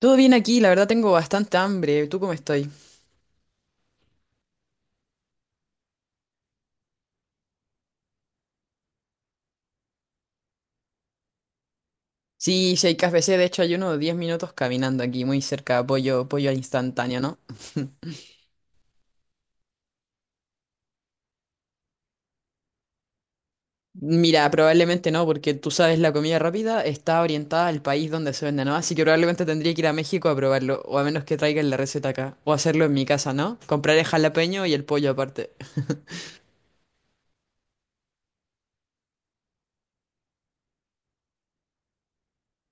Todo bien aquí, la verdad tengo bastante hambre. ¿Tú cómo estoy? Sí, sí hay KFC, de hecho hay uno de 10 minutos caminando aquí, muy cerca, pollo al instantáneo, ¿no? Mira, probablemente no, porque tú sabes, la comida rápida está orientada al país donde se vende, ¿no? Así que probablemente tendría que ir a México a probarlo, o a menos que traigan la receta acá, o hacerlo en mi casa, ¿no? Compraré jalapeño y el pollo aparte.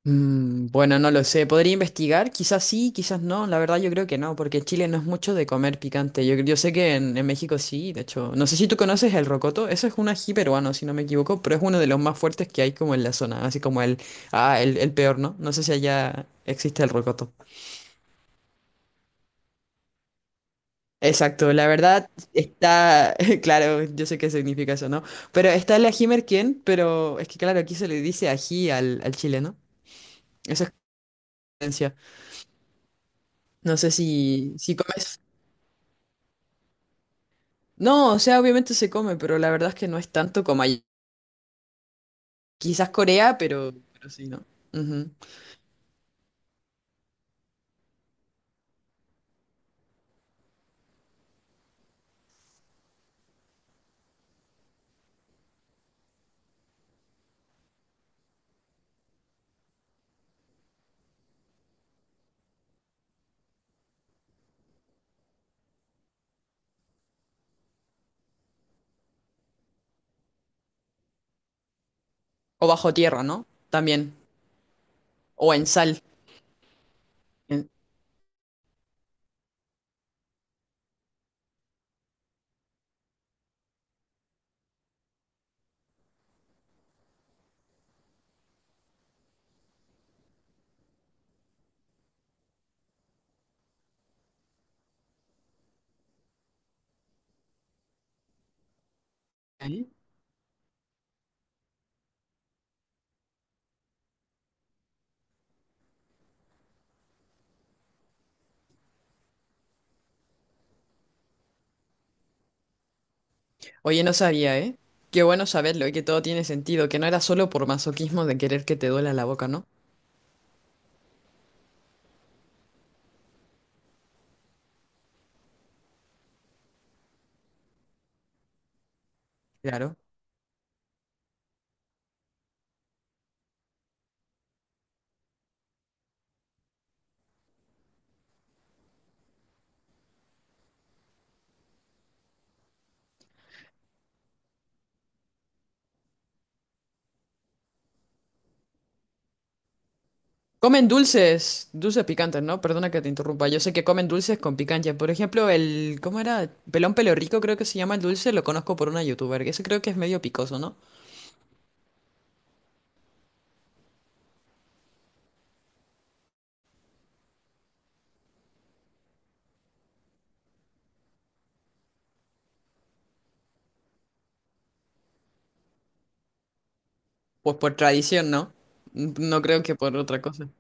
Mm, bueno, no lo sé. ¿Podría investigar? Quizás sí, quizás no. La verdad yo creo que no, porque en Chile no es mucho de comer picante. Yo sé que en México sí, de hecho. No sé si tú conoces el rocoto. Eso es un ají peruano, si no me equivoco, pero es uno de los más fuertes que hay como en la zona. Así como el... Ah, el peor, ¿no? No sé si allá existe el rocoto. Exacto, la verdad está... Claro, yo sé qué significa eso, ¿no? Pero está el ají merquén, pero es que claro, aquí se le dice ají al chileno. Esa es la diferencia. No sé si, si comes... No, o sea, obviamente se come, pero la verdad es que no es tanto como allí. Quizás Corea, pero sí, ¿no? Ujú. O bajo tierra, ¿no? También. O en sal. En- ¿Eh? Oye, no sabía, ¿eh? Qué bueno saberlo y que todo tiene sentido, que no era solo por masoquismo de querer que te duela la boca, ¿no? Claro. Comen dulces, dulces picantes, ¿no? Perdona que te interrumpa. Yo sé que comen dulces con picancha. Por ejemplo, el, ¿cómo era? Pelón pelo rico creo que se llama el dulce, lo conozco por una youtuber. Ese creo que es medio picoso, ¿no? Pues por tradición, ¿no? No creo que por otra cosa.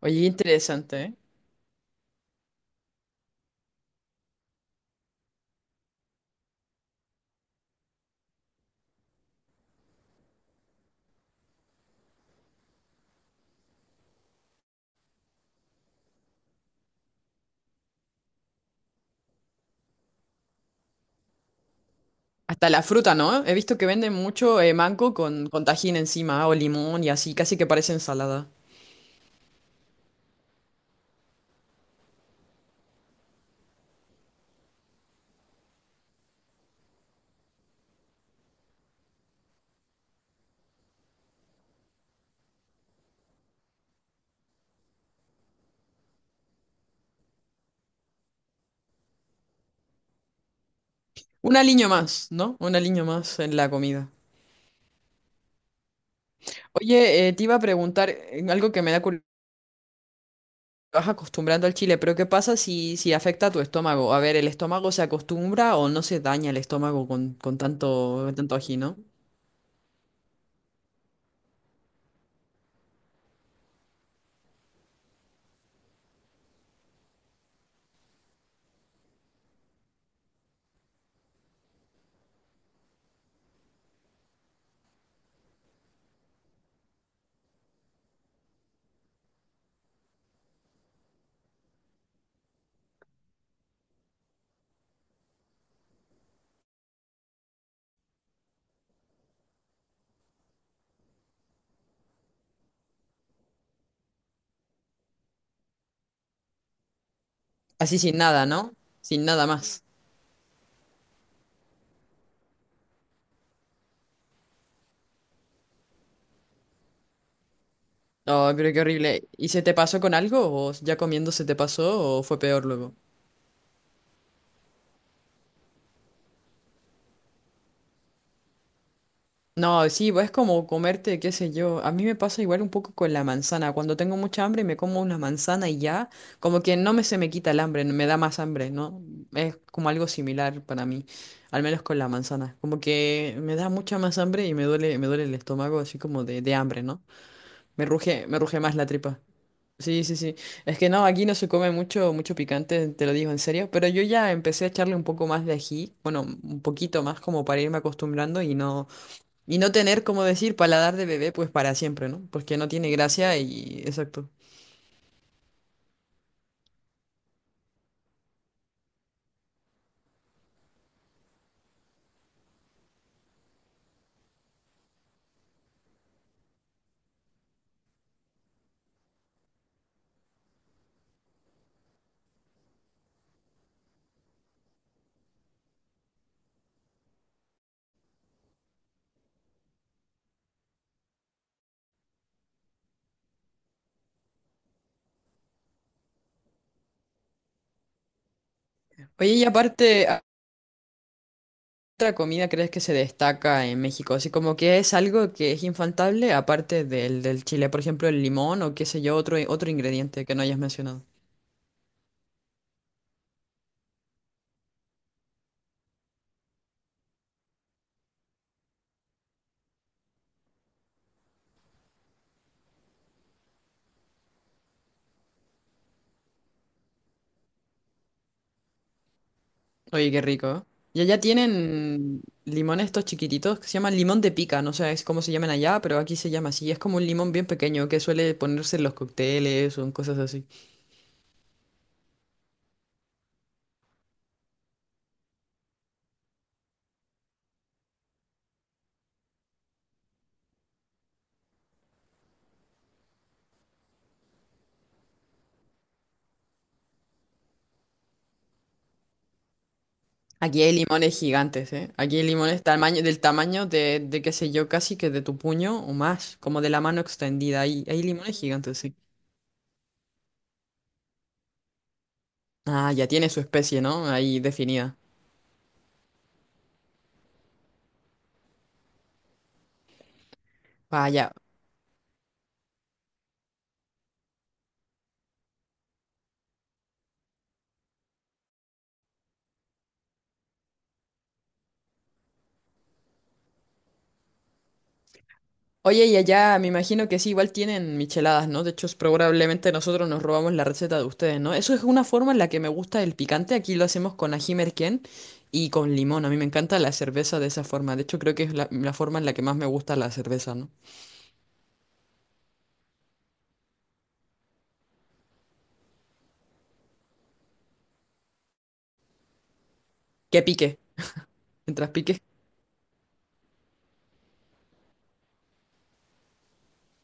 Oye, qué interesante, ¿eh? Hasta la fruta, ¿no? He visto que venden mucho mango con tajín encima o limón y así, casi que parece ensalada. Un aliño más, ¿no? Un aliño más en la comida. Oye, te iba a preguntar algo que me da curiosidad. Vas acostumbrando al chile, pero ¿qué pasa si, si afecta a tu estómago? A ver, ¿el estómago se acostumbra o no se daña el estómago con tanto, tanto ají, ¿no? Así sin nada, ¿no? Sin nada más. No, pero qué horrible. ¿Y se te pasó con algo? ¿O ya comiendo se te pasó o fue peor luego? No, sí, pues, es como comerte, qué sé yo. A mí me pasa igual un poco con la manzana. Cuando tengo mucha hambre me como una manzana y ya, como que no me se me quita el hambre, me da más hambre, ¿no? Es como algo similar para mí, al menos con la manzana. Como que me da mucha más hambre y me duele el estómago, así como de hambre, ¿no? Me ruge más la tripa. Sí, sí, sí. Es que no, aquí no se come mucho, mucho picante, te lo digo en serio, pero yo ya empecé a echarle un poco más de ají, bueno, un poquito más como para irme acostumbrando y no tener, como decir, paladar de bebé pues para siempre, ¿no? Porque no tiene gracia y exacto. Oye, y aparte, ¿otra comida crees que se destaca en México? Así como que es algo que es infaltable, aparte del, del chile, por ejemplo, el limón o qué sé yo, otro, otro ingrediente que no hayas mencionado. Oye, qué rico. Y allá tienen limones estos chiquititos que se llaman limón de pica, no sé es cómo se llaman allá, pero aquí se llama así. Es como un limón bien pequeño que suele ponerse en los cócteles o en cosas así. Aquí hay limones gigantes, ¿eh? Aquí hay limones tamaño, del tamaño de, qué sé yo, casi que de tu puño o más, como de la mano extendida. Hay limones gigantes, sí. Ah, ya tiene su especie, ¿no? Ahí definida. Vaya. Oye, y allá me imagino que sí, igual tienen micheladas, ¿no? De hecho, es probablemente nosotros nos robamos la receta de ustedes, ¿no? Eso es una forma en la que me gusta el picante. Aquí lo hacemos con ají merquén y con limón. A mí me encanta la cerveza de esa forma. De hecho, creo que es la forma en la que más me gusta la cerveza, ¿no? Que pique, mientras pique.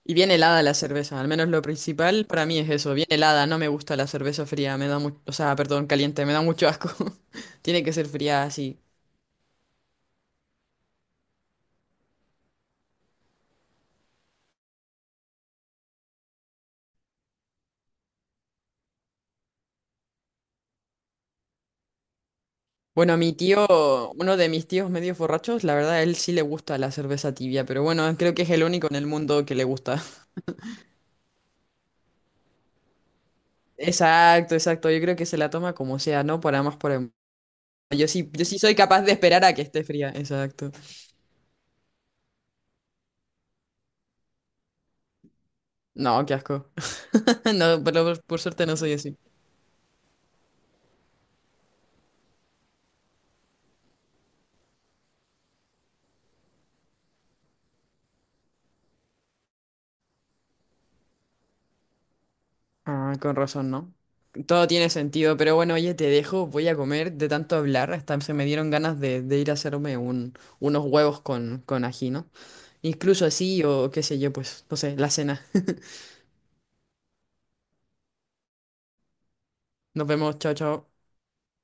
Y bien helada la cerveza, al menos lo principal para mí es eso, bien helada. No me gusta la cerveza fría, me da mucho, o sea, perdón, caliente, me da mucho asco. Tiene que ser fría así. Bueno, a mi tío, uno de mis tíos medio borrachos, la verdad, a él sí le gusta la cerveza tibia, pero bueno, creo que es el único en el mundo que le gusta. Exacto, exacto. Yo creo que se la toma como sea, ¿no? Para más por el... Yo sí, yo sí soy capaz de esperar a que esté fría, exacto. No, qué asco. No, pero por suerte no soy así. Ah, con razón, ¿no? Todo tiene sentido, pero bueno, oye, te dejo, voy a comer de tanto hablar, hasta se me dieron ganas de ir a hacerme un, unos huevos con ají, ¿no? Incluso así o qué sé yo, pues, no sé, la cena. Nos vemos, chao, chao.